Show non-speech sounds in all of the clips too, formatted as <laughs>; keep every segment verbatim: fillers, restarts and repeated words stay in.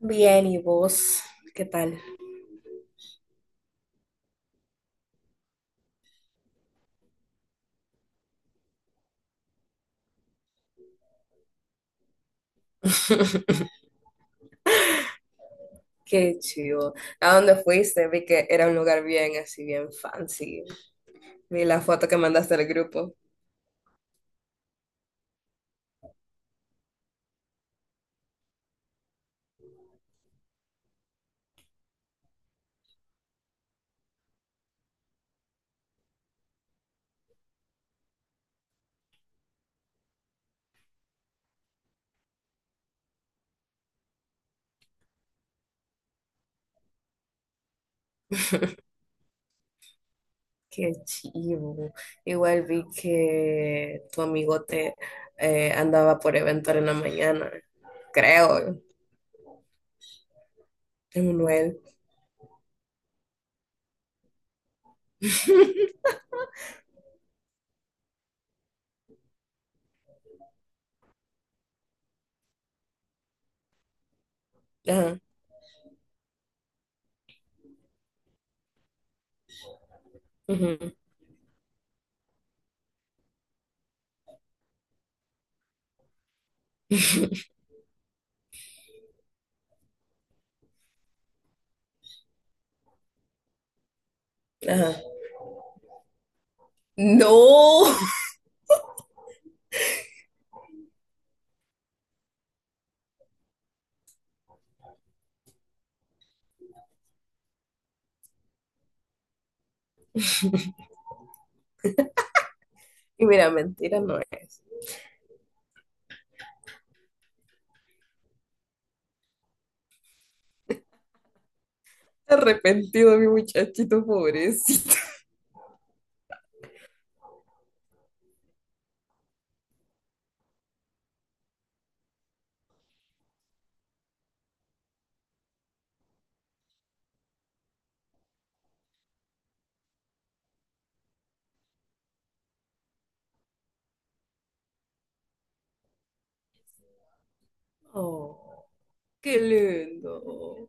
Bien, ¿y vos? ¿Qué tal? <laughs> Qué chido. ¿A dónde fuiste? Vi que era un lugar bien, así bien fancy. Vi la foto que mandaste al grupo. <laughs> Qué chivo. Igual vi que tu amigote eh, andaba por eventar en la mañana, creo, Emanuel. Ajá. Ujú. <laughs> Ajá. No. <laughs> Y mira, mentira no es. Arrepentido mi muchachito pobrecito. Oh, qué lindo.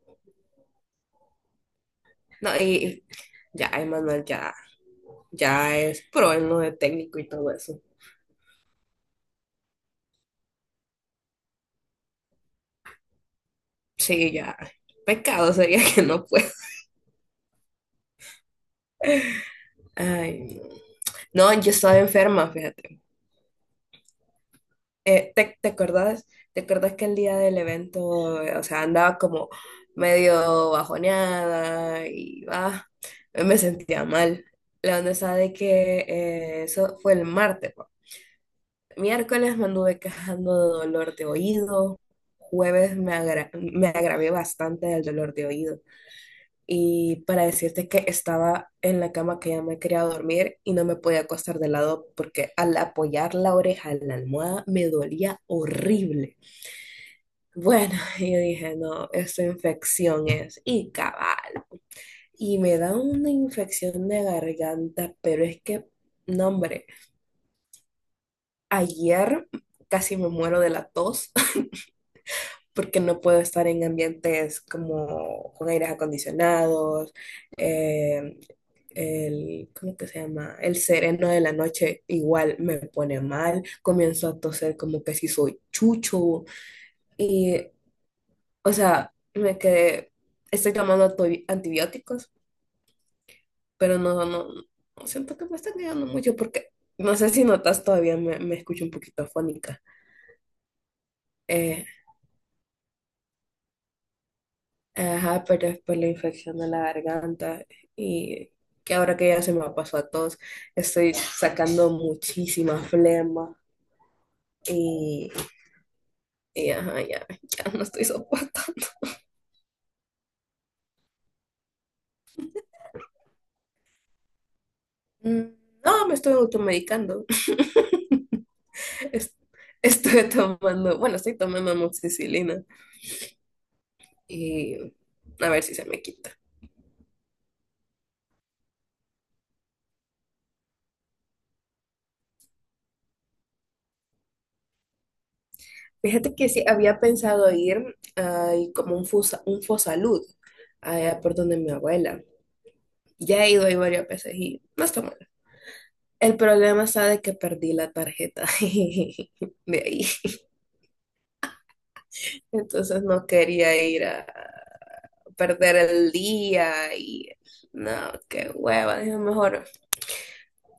No, y ya, Emanuel ya, ya es pro en lo de técnico y todo eso. Sí, ya. Pecado sería que no pueda. Ay, no. No, yo estaba enferma, fíjate. Eh, ¿te, te acuerdas? ¿Te acuerdas que el día del evento, eh, o sea, andaba como medio bajoneada y va, me sentía mal. La onda está de que eh, eso fue el martes, pa. Miércoles me anduve quejando de dolor de oído. Jueves me agra- me agravé bastante del dolor de oído. Y para decirte que estaba en la cama que ya me quería dormir y no me podía acostar de lado porque al apoyar la oreja en la almohada me dolía horrible. Bueno, <laughs> yo dije, no, esta infección es. Y cabal. Y me da una infección de garganta, pero es que, no, hombre, ayer casi me muero de la tos, porque no puedo estar en ambientes como con aires acondicionados, eh, el, ¿cómo que se llama? El sereno de la noche igual me pone mal, comienzo a toser como que si soy chucho y, o sea, me quedé, estoy tomando antibi- antibióticos, pero no, no, no siento que me están ayudando mucho porque no sé si notas todavía me, me escucho un poquito afónica. Eh, Ajá, pero es por la infección de la garganta y que ahora que ya se me pasó a todos, estoy sacando muchísima flema y, y ajá, ya, ya no estoy soportando. Mm, no, me estoy automedicando. <laughs> Es- Estoy tomando, bueno, estoy tomando amoxicilina y a ver si se me quita. Fíjate que sí, había pensado ir a como un, fusa, un Fosalud, allá por donde mi abuela. Ya he ido ahí varias veces y no está mal. El problema está de que perdí la tarjeta <laughs> de ahí. Entonces no quería ir a perder el día y no, qué hueva. Dije, mejor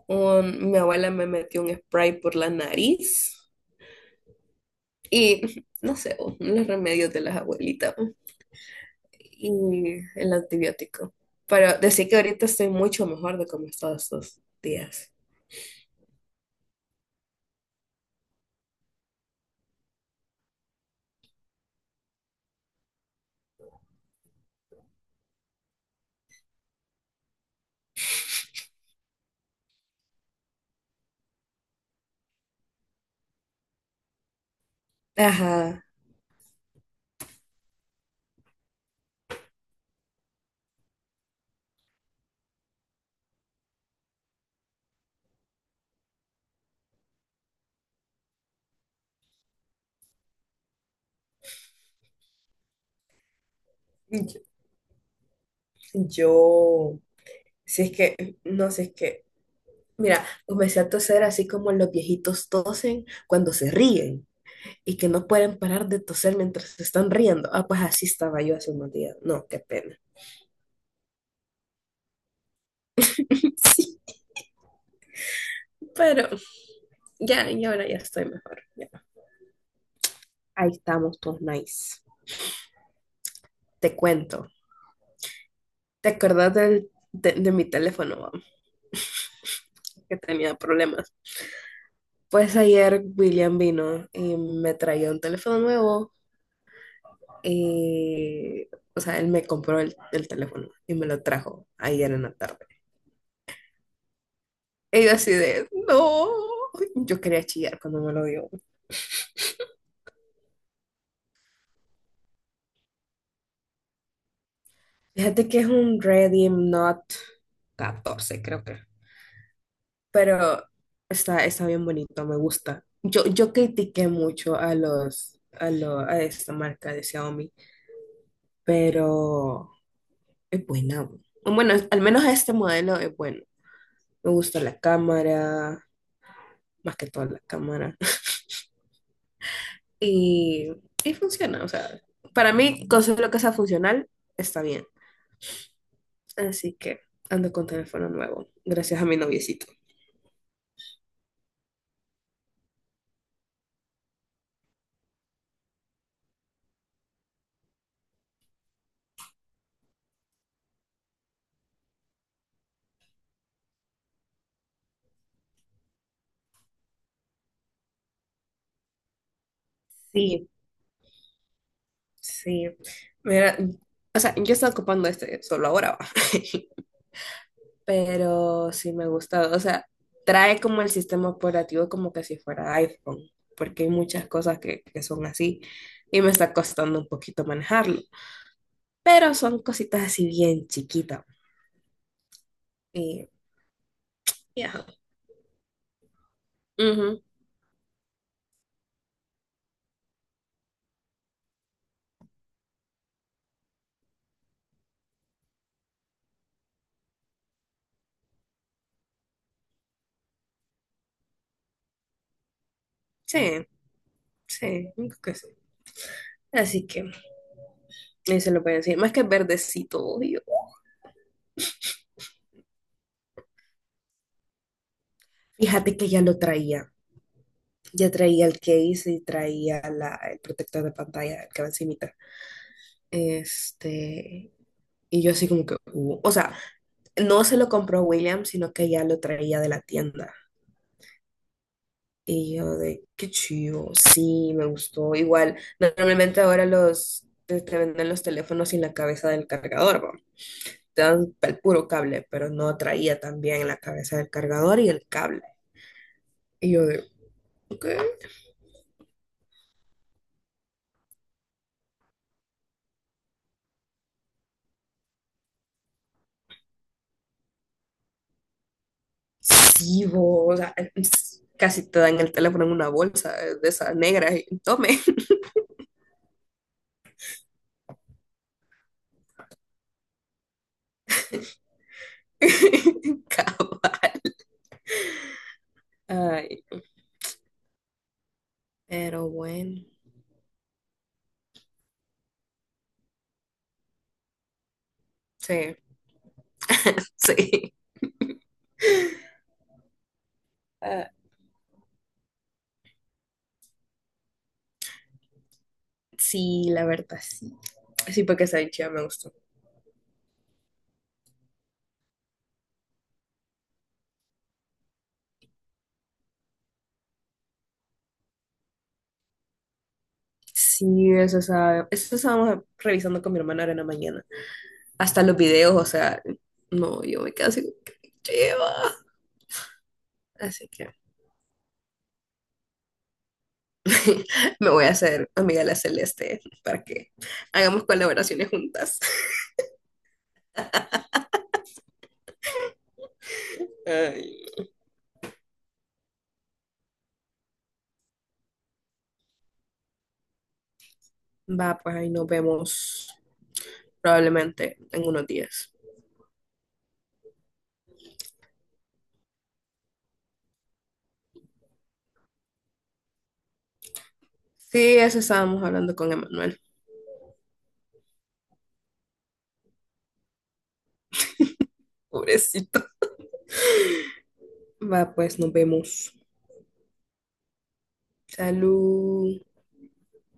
un- mi abuela me metió un spray por la nariz y no sé, los remedios de las abuelitas y el antibiótico. Pero decir que ahorita estoy mucho mejor de como estaba estos días. Ajá. Yo, si es que, no sé, es que mira, comencé a toser así como los viejitos tosen cuando se ríen y que no pueden parar de toser mientras se están riendo. Ah, pues así estaba yo hace unos días. No, qué pena. <laughs> Sí, pero ya, y ahora ya estoy mejor, ya. Ahí estamos todos nice. Te cuento. ¿Te acuerdas del, de, de mi teléfono, va? <laughs> que tenía problemas. Pues ayer William vino y me traía un teléfono nuevo y, o sea, él me compró el, el teléfono y me lo trajo ayer en la tarde. Y yo así de, no, yo quería chillar cuando me lo dio. Fíjate que es un Redeem Not catorce, creo que. Pero está, está bien bonito, me gusta. Yo, yo critiqué mucho a los, a lo, a esta marca de Xiaomi, pero es buena. Bueno, al menos este modelo es bueno. Me gusta la cámara, más que todo la cámara. <laughs> Y, y funciona, o sea, para mí, con solo que sea funcional, está bien. Así que ando con teléfono nuevo, gracias a mi noviecito. Sí, sí. Mira, o sea, yo estaba ocupando este solo ahora, va. <laughs> Pero sí me gusta. O sea, trae como el sistema operativo como que si fuera iPhone, porque hay muchas cosas que, que son así y me está costando un poquito manejarlo. Pero son cositas así bien chiquitas. Y, y ajá. Ujú. Sí, sí, creo que sí. Así que, eso lo voy a decir. Más que verdecito, fíjate que ya lo traía. Ya traía el case y traía la, el protector de pantalla, el que va encimita. Este, y yo así como que, uh, o sea, no se lo compró William, sino que ya lo traía de la tienda. Y yo de, qué chido, sí, me gustó. Igual, normalmente ahora los, te, te venden los teléfonos sin la cabeza del cargador, ¿va? Te dan el puro cable, pero no traía también la cabeza del cargador y el cable. Y yo de, ok. Sí, vos, o sea, casi te dan el teléfono en una bolsa eh, de esas negras y tome. <laughs> Cava. Ay, pero bueno, sí, <laughs> sí. Ah, sí, la verdad, sí. Sí, porque esa dicha me gustó. Sí, eso, esa eso estábamos revisando con mi hermana ahora en la mañana. Hasta los videos, o sea, no, yo me quedo así, como que, lleva. Así que <laughs> me voy a hacer amiga de la Celeste para que hagamos colaboraciones juntas. Ay, va, pues ahí nos vemos probablemente en unos días. Sí, eso estábamos hablando con Emanuel. Pobrecito. Va, pues nos vemos. Salud.